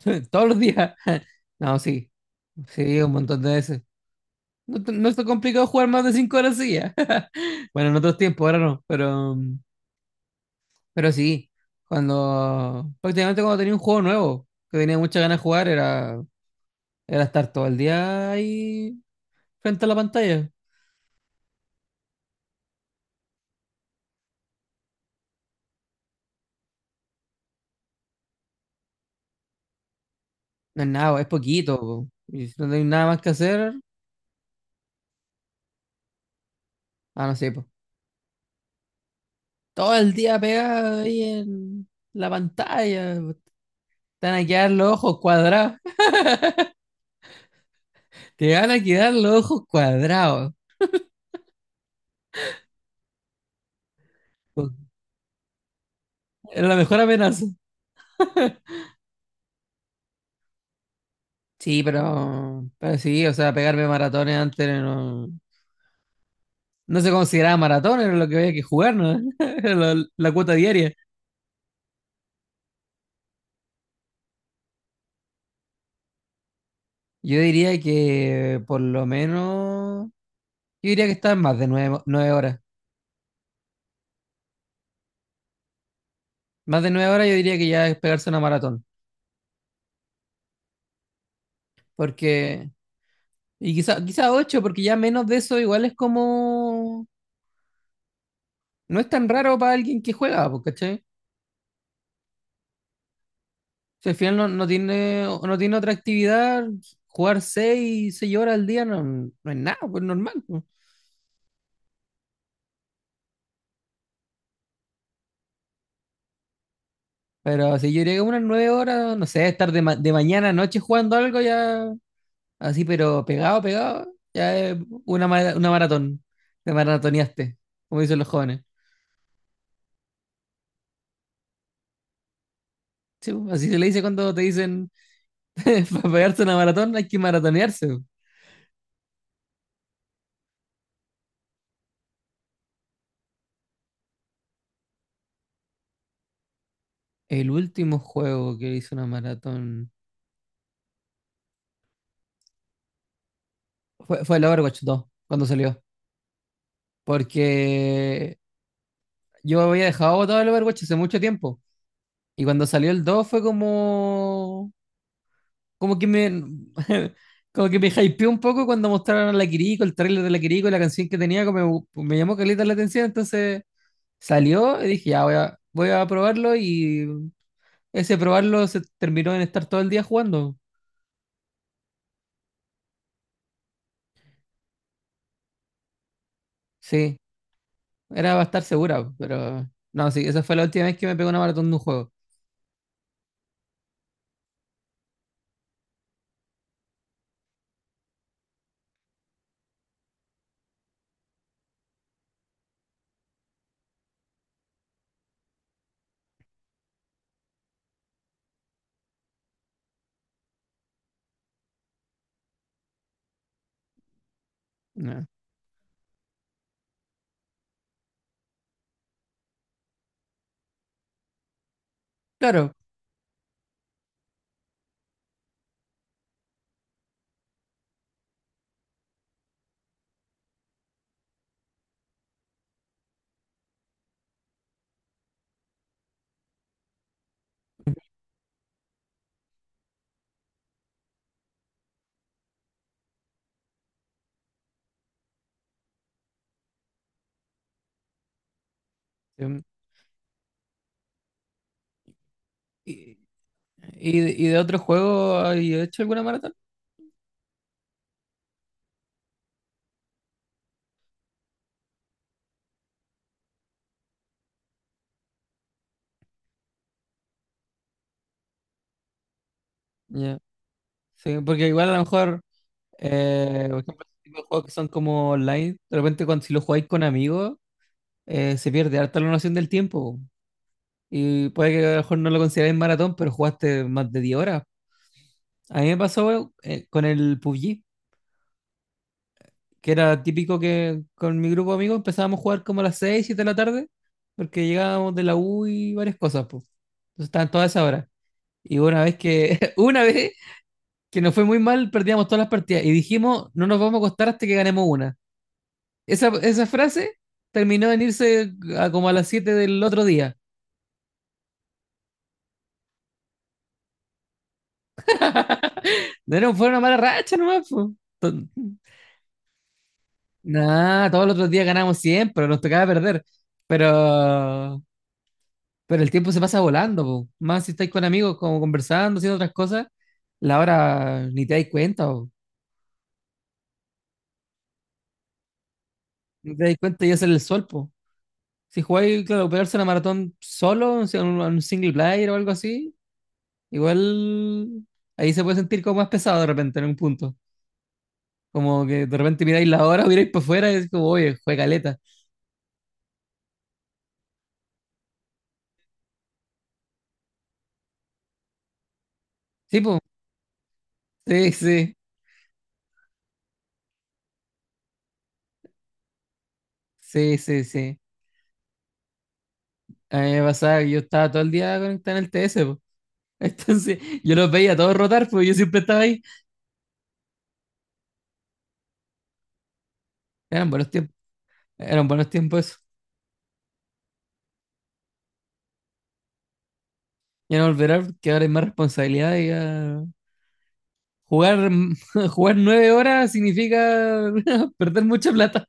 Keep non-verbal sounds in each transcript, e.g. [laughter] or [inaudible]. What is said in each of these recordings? [laughs] Todos los días. No, sí, sí, un montón de veces. No, no está complicado jugar más de 5 horas, sí. [laughs] Bueno, en otros tiempos, ahora no, pero sí, cuando prácticamente cuando tenía un juego nuevo que tenía muchas ganas de jugar era estar todo el día ahí frente a la pantalla. No es nada, es poquito, po. Y si no tenés nada más que hacer, ah, no sé, po. Todo el día pegado ahí en la pantalla, po. Te van a quedar los ojos cuadrados. [laughs] Te van a quedar los ojos cuadrados. Era la mejor amenaza. Sí, pero sí, o sea, pegarme maratones antes no se consideraba maratón, era lo que había que jugar, ¿no? [laughs] Era la cuota diaria. Yo diría que por lo menos, yo diría que está en más de nueve horas. Más de 9 horas yo diría que ya es pegarse una maratón. Porque, y quizá ocho, porque ya menos de eso igual es como, no es tan raro para alguien que juega, po, ¿cachai? Si al final no tiene otra actividad, jugar seis horas al día no es nada, pues normal, pues. Pero si yo llega unas 9 horas, no sé, estar de mañana a noche jugando algo ya, así, pero pegado, pegado, ya es una maratón. Te maratoneaste, como dicen los jóvenes. Sí, pues, así se le dice cuando te dicen, [laughs] para pegarse una maratón hay que maratonearse, pues. El último juego que hizo una maratón fue el Overwatch 2, cuando salió. Porque yo había dejado botado el Overwatch hace mucho tiempo. Y cuando salió el 2 fue como. Como que me. [laughs] Como que me hypeó un poco cuando mostraron a la Kiriko, el tráiler de la Kiriko y la canción que tenía, como me llamó caleta la atención. Entonces salió y dije, ya voy a probarlo. Y ese probarlo se terminó en estar todo el día jugando. Sí, era para estar segura, pero. No, sí, esa fue la última vez que me pegó una maratón de un juego. No. Claro. em, Y, y de otro juego, ¿y he hecho alguna maratón? Ya. Sí, porque igual a lo mejor, por ejemplo, ese tipo de juegos que son como online, de repente cuando, si lo jugáis con amigos, se pierde harta la noción del tiempo. Y puede que a lo mejor no lo consideráis maratón, pero jugaste más de 10 horas. A mí me pasó, con el PUBG, que era típico que con mi grupo de amigos empezábamos a jugar como a las 6, 7 de la tarde, porque llegábamos de la U y varias cosas, pues. Entonces estaban todas esas horas. Y una vez que, [laughs] una vez que nos fue muy mal, perdíamos todas las partidas. Y dijimos, no nos vamos a acostar hasta que ganemos una. Esa frase terminó en irse a como a las 7 del otro día. No era, fue una mala racha nomás, po. To- Nah, todos los otros días ganamos siempre, nos tocaba perder. Pero, pero, el tiempo se pasa volando, po. Más si estáis con amigos, como conversando, haciendo otras cosas, la hora ni te dais cuenta, po. Ni te dais cuenta y es el sol, po. Si jugáis, claro, pegarse una maratón solo, o sea, un single player o algo así, igual ahí se puede sentir como más pesado de repente en un punto. Como que de repente miráis la hora, [laughs] miráis para afuera y es como, oye, fue caleta. Sí, pues, sí, sí, sí, sí, sí. A mí me pasaba que yo estaba todo el día conectado en el TS, po. [laughs] Entonces yo los veía todos rotar, pues yo siempre estaba ahí. Eran buenos tiempos, eran buenos tiempos eso. Ya no volverá porque ahora hay más responsabilidad y jugar, [laughs] jugar 9 horas significa [laughs] perder mucha plata.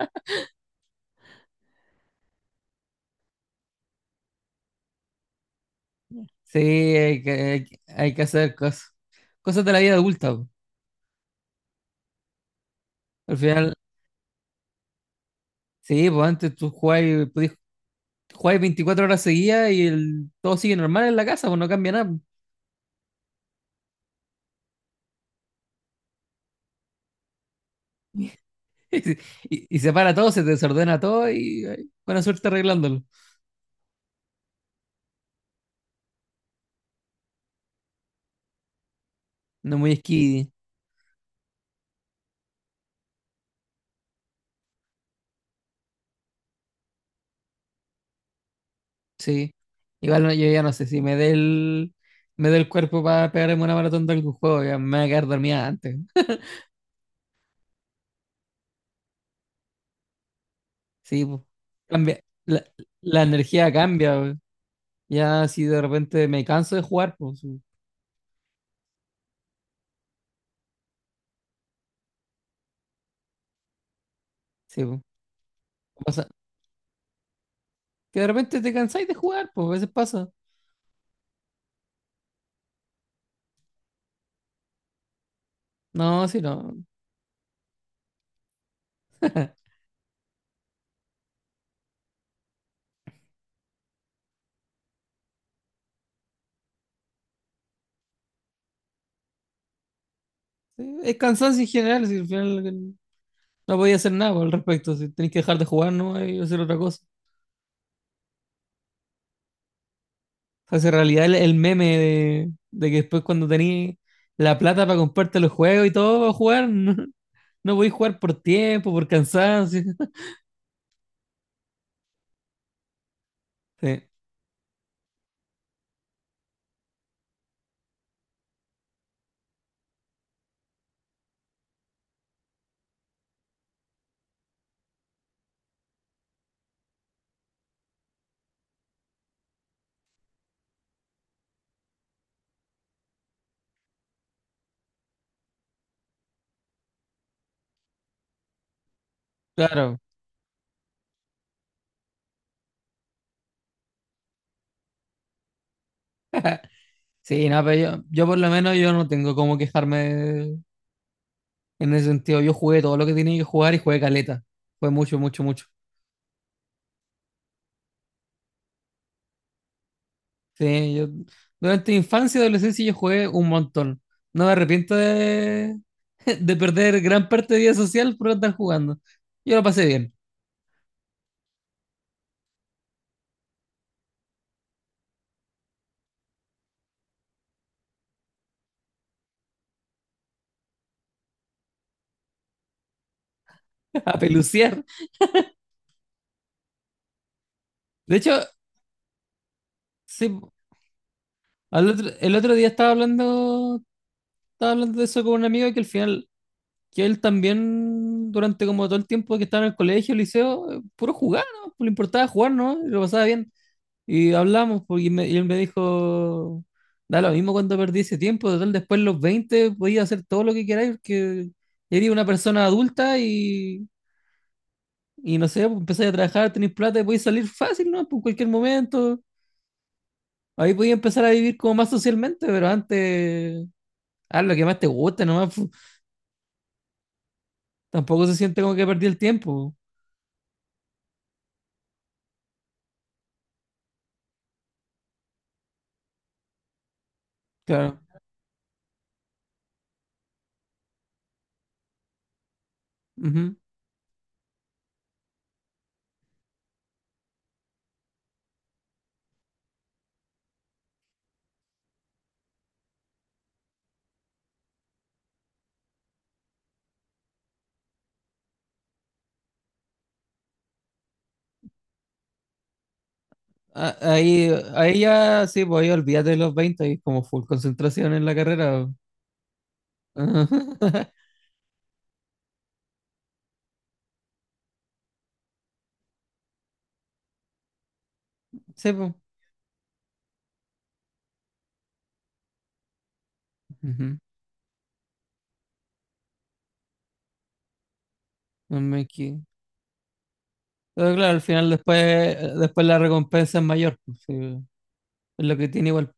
Sí, hay que hacer cosas. Cosas de la vida adulta, po. Al final, sí, pues antes tú jugabas y podías juegas 24 horas seguidas y el, todo sigue normal en la casa, pues no cambia nada. [laughs] Y se para todo, se desordena todo y ay, buena suerte arreglándolo. No muy skiddy, sí. Igual yo ya no sé si me dé el cuerpo para pegarme una maratón de algún juego, ya me voy a quedar dormida antes. Sí, pues, cambia, la, la energía cambia, pues. Ya si de repente me canso de jugar, pues sí, sí, pues, pasa. Que de repente te cansáis de jugar, pues a veces pasa. No, sí, no. Sí, es cansancio en general, si al final, no podía hacer nada al respecto, si tenés que dejar de jugar, ¿no? Y hacer otra cosa. O sea, si en realidad el meme de que después cuando tenés la plata para comprarte los juegos y todo para jugar, [laughs] no podés jugar por tiempo, por cansancio. [laughs] Sí, claro. Sí, no, pero yo por lo menos yo no tengo cómo quejarme en ese sentido. Yo jugué todo lo que tenía que jugar y jugué caleta. Fue mucho, mucho, mucho. Sí, yo durante mi infancia y adolescencia yo jugué un montón. No me arrepiento de, [laughs] de perder gran parte de vida social por andar jugando. Yo lo pasé bien, [laughs] a peluciar. De hecho, sí, el otro día estaba hablando, de eso con un amigo que al final, que él también, durante como todo el tiempo que estaba en el colegio, el liceo, puro jugar, ¿no? Pues le importaba jugar, ¿no? Y lo pasaba bien. Y hablamos, porque y él me dijo, da lo mismo cuando perdí ese tiempo, total, después de los 20 podía hacer todo lo que queráis, porque eres una persona adulta y no sé, pues empezáis a trabajar, tenéis plata y podéis salir fácil, ¿no? Por cualquier momento. Ahí podéis empezar a vivir como más socialmente, pero antes, haz lo que más te guste, nomás, pu. Tampoco se siente como que perdí el tiempo. Claro. Ujú. A- Ahí, ahí ya, sí, pues ahí olvídate de los veinte, ahí es como full concentración en la carrera, po. [laughs] Sí, pues. Ujú. No me equi- Pero claro, al final después la recompensa es mayor, pues, sí, es lo que tiene igual.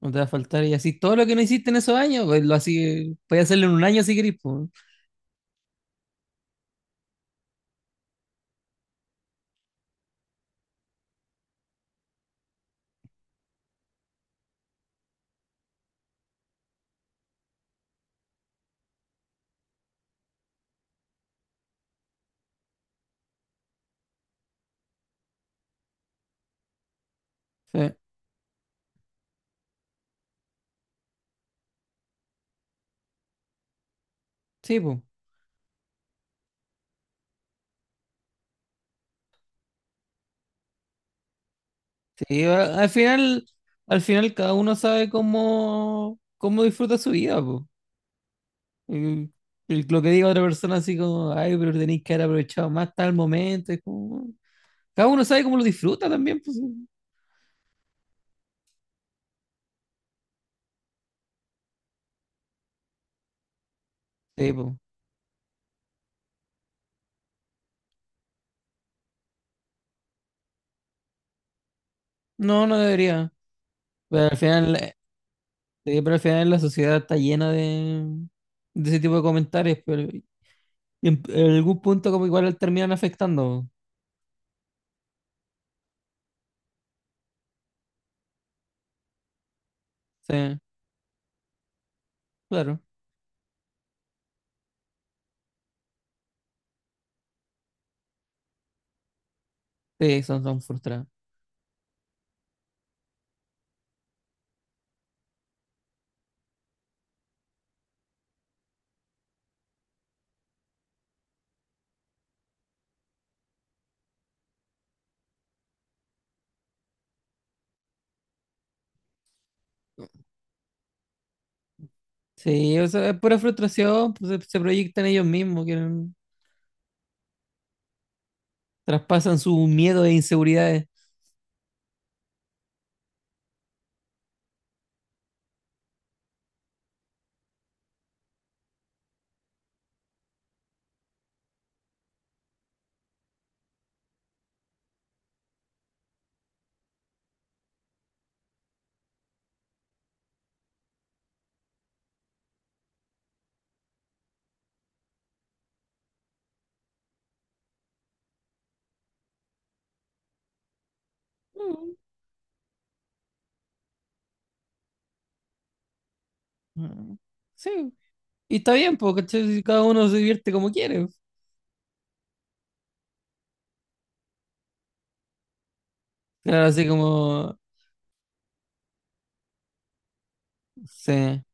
No te va a faltar y así todo lo que no hiciste en esos años, pues lo así, puedes hacerlo en un año si querés, po. Sí, sí, po. Sí, al final cada uno sabe cómo disfruta su vida, po. Y- y lo que diga otra persona así como, ay, pero tenéis que haber aprovechado más tal momento, es como, cada uno sabe cómo lo disfruta también, pues. Sí, po. No, no debería. Pero al final, sí, pero al final la sociedad está llena de ese tipo de comentarios, pero en algún punto como igual terminan afectando, po. Sí, claro. Sí, son frustrados. Sí, o sea, es pura frustración, pues, se proyectan ellos mismos, quieren, traspasan su miedo e inseguridades. Mm, mm. Sí, y está bien, porque cada uno se divierte como quiere. Claro, así como, sí,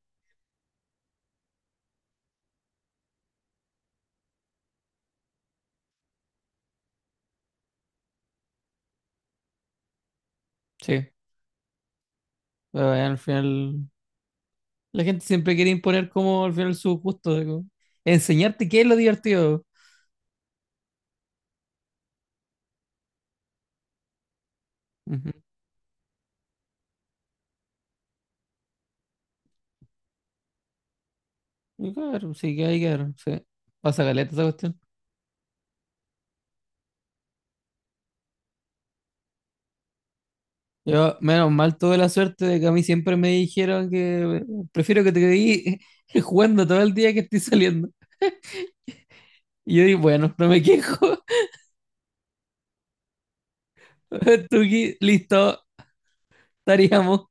sí, pero bueno, al final la gente siempre quiere imponer como al final su gusto, de como enseñarte qué es lo divertido. Ujú. Y claro, sí, que hay que ver, sí. Pasa caleta esa cuestión. Yo, menos mal, tuve la suerte de que a mí siempre me dijeron que, prefiero que te quedes [laughs] jugando todo el día que estoy saliendo. Y yo dije, bueno, no me quejo. [laughs] Tuki, listo, estaríamos.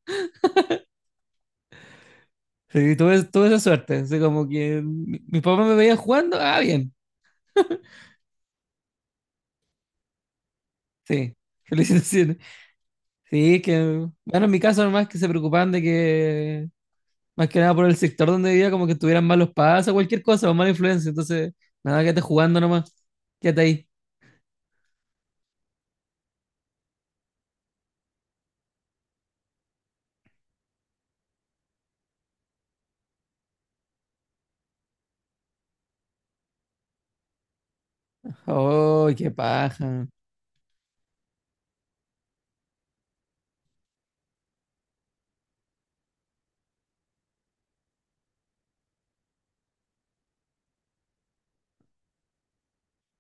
Sí, tuve esa suerte. Así como que mis papás me veían jugando, ah, bien. Sí, [laughs] felicitaciones. Sí, es que, bueno, en mi caso nomás que se preocupaban de que, más que nada por el sector donde vivía, como que tuvieran malos pasos, cualquier cosa, o mala influencia. Entonces, nada, quédate jugando nomás. Quédate ahí. Oh, qué paja.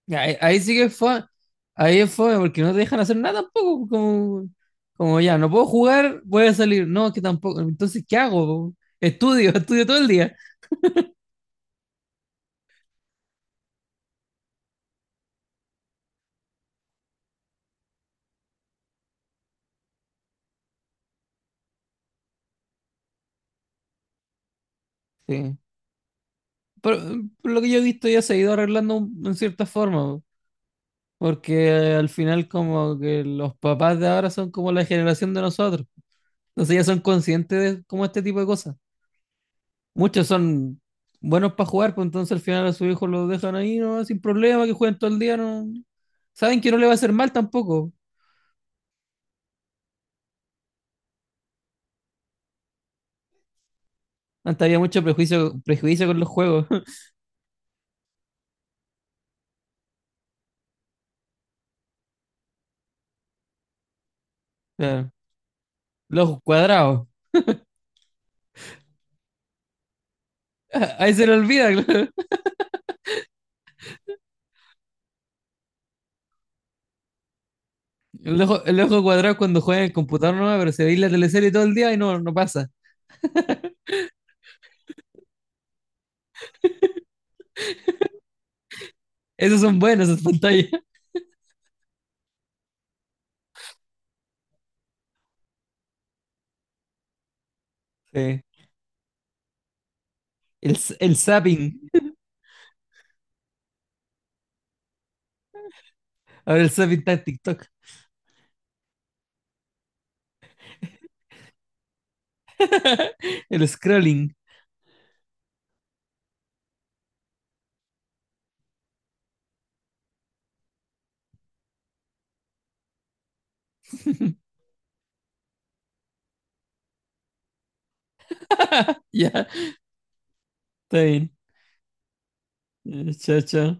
Ya, ahí sí que fue, ahí es fue porque no te dejan hacer nada tampoco, como, como ya, no puedo jugar, voy a salir, no, que tampoco, entonces, ¿qué hago? Estudio, [laughs] estudio todo el día. Sí. Por, por lo que yo he visto ya se ha ido arreglando en cierta forma, porque al final como que los papás de ahora son como la generación de nosotros, entonces ya son conscientes de como este tipo de cosas. Muchos son buenos para jugar, pues entonces al final a su hijo lo dejan ahí, ¿no? Sin problema, que jueguen todo el día, no. Saben que no le va a hacer mal tampoco. Antes había mucho prejuicio, prejuicio con los juegos. [laughs] Claro. Los ojos cuadrados. [laughs] Ahí se le olvida, claro. El ojo cuadrado cuando juega en el computador no, pero se ve la teleserie todo el día y no pasa. Esos son buenos, esas pantallas. [laughs] Sí. El zapping. Ahora el zapping está en TikTok. [laughs] El scrolling. Ya, yeah, está bien. Chao, chao.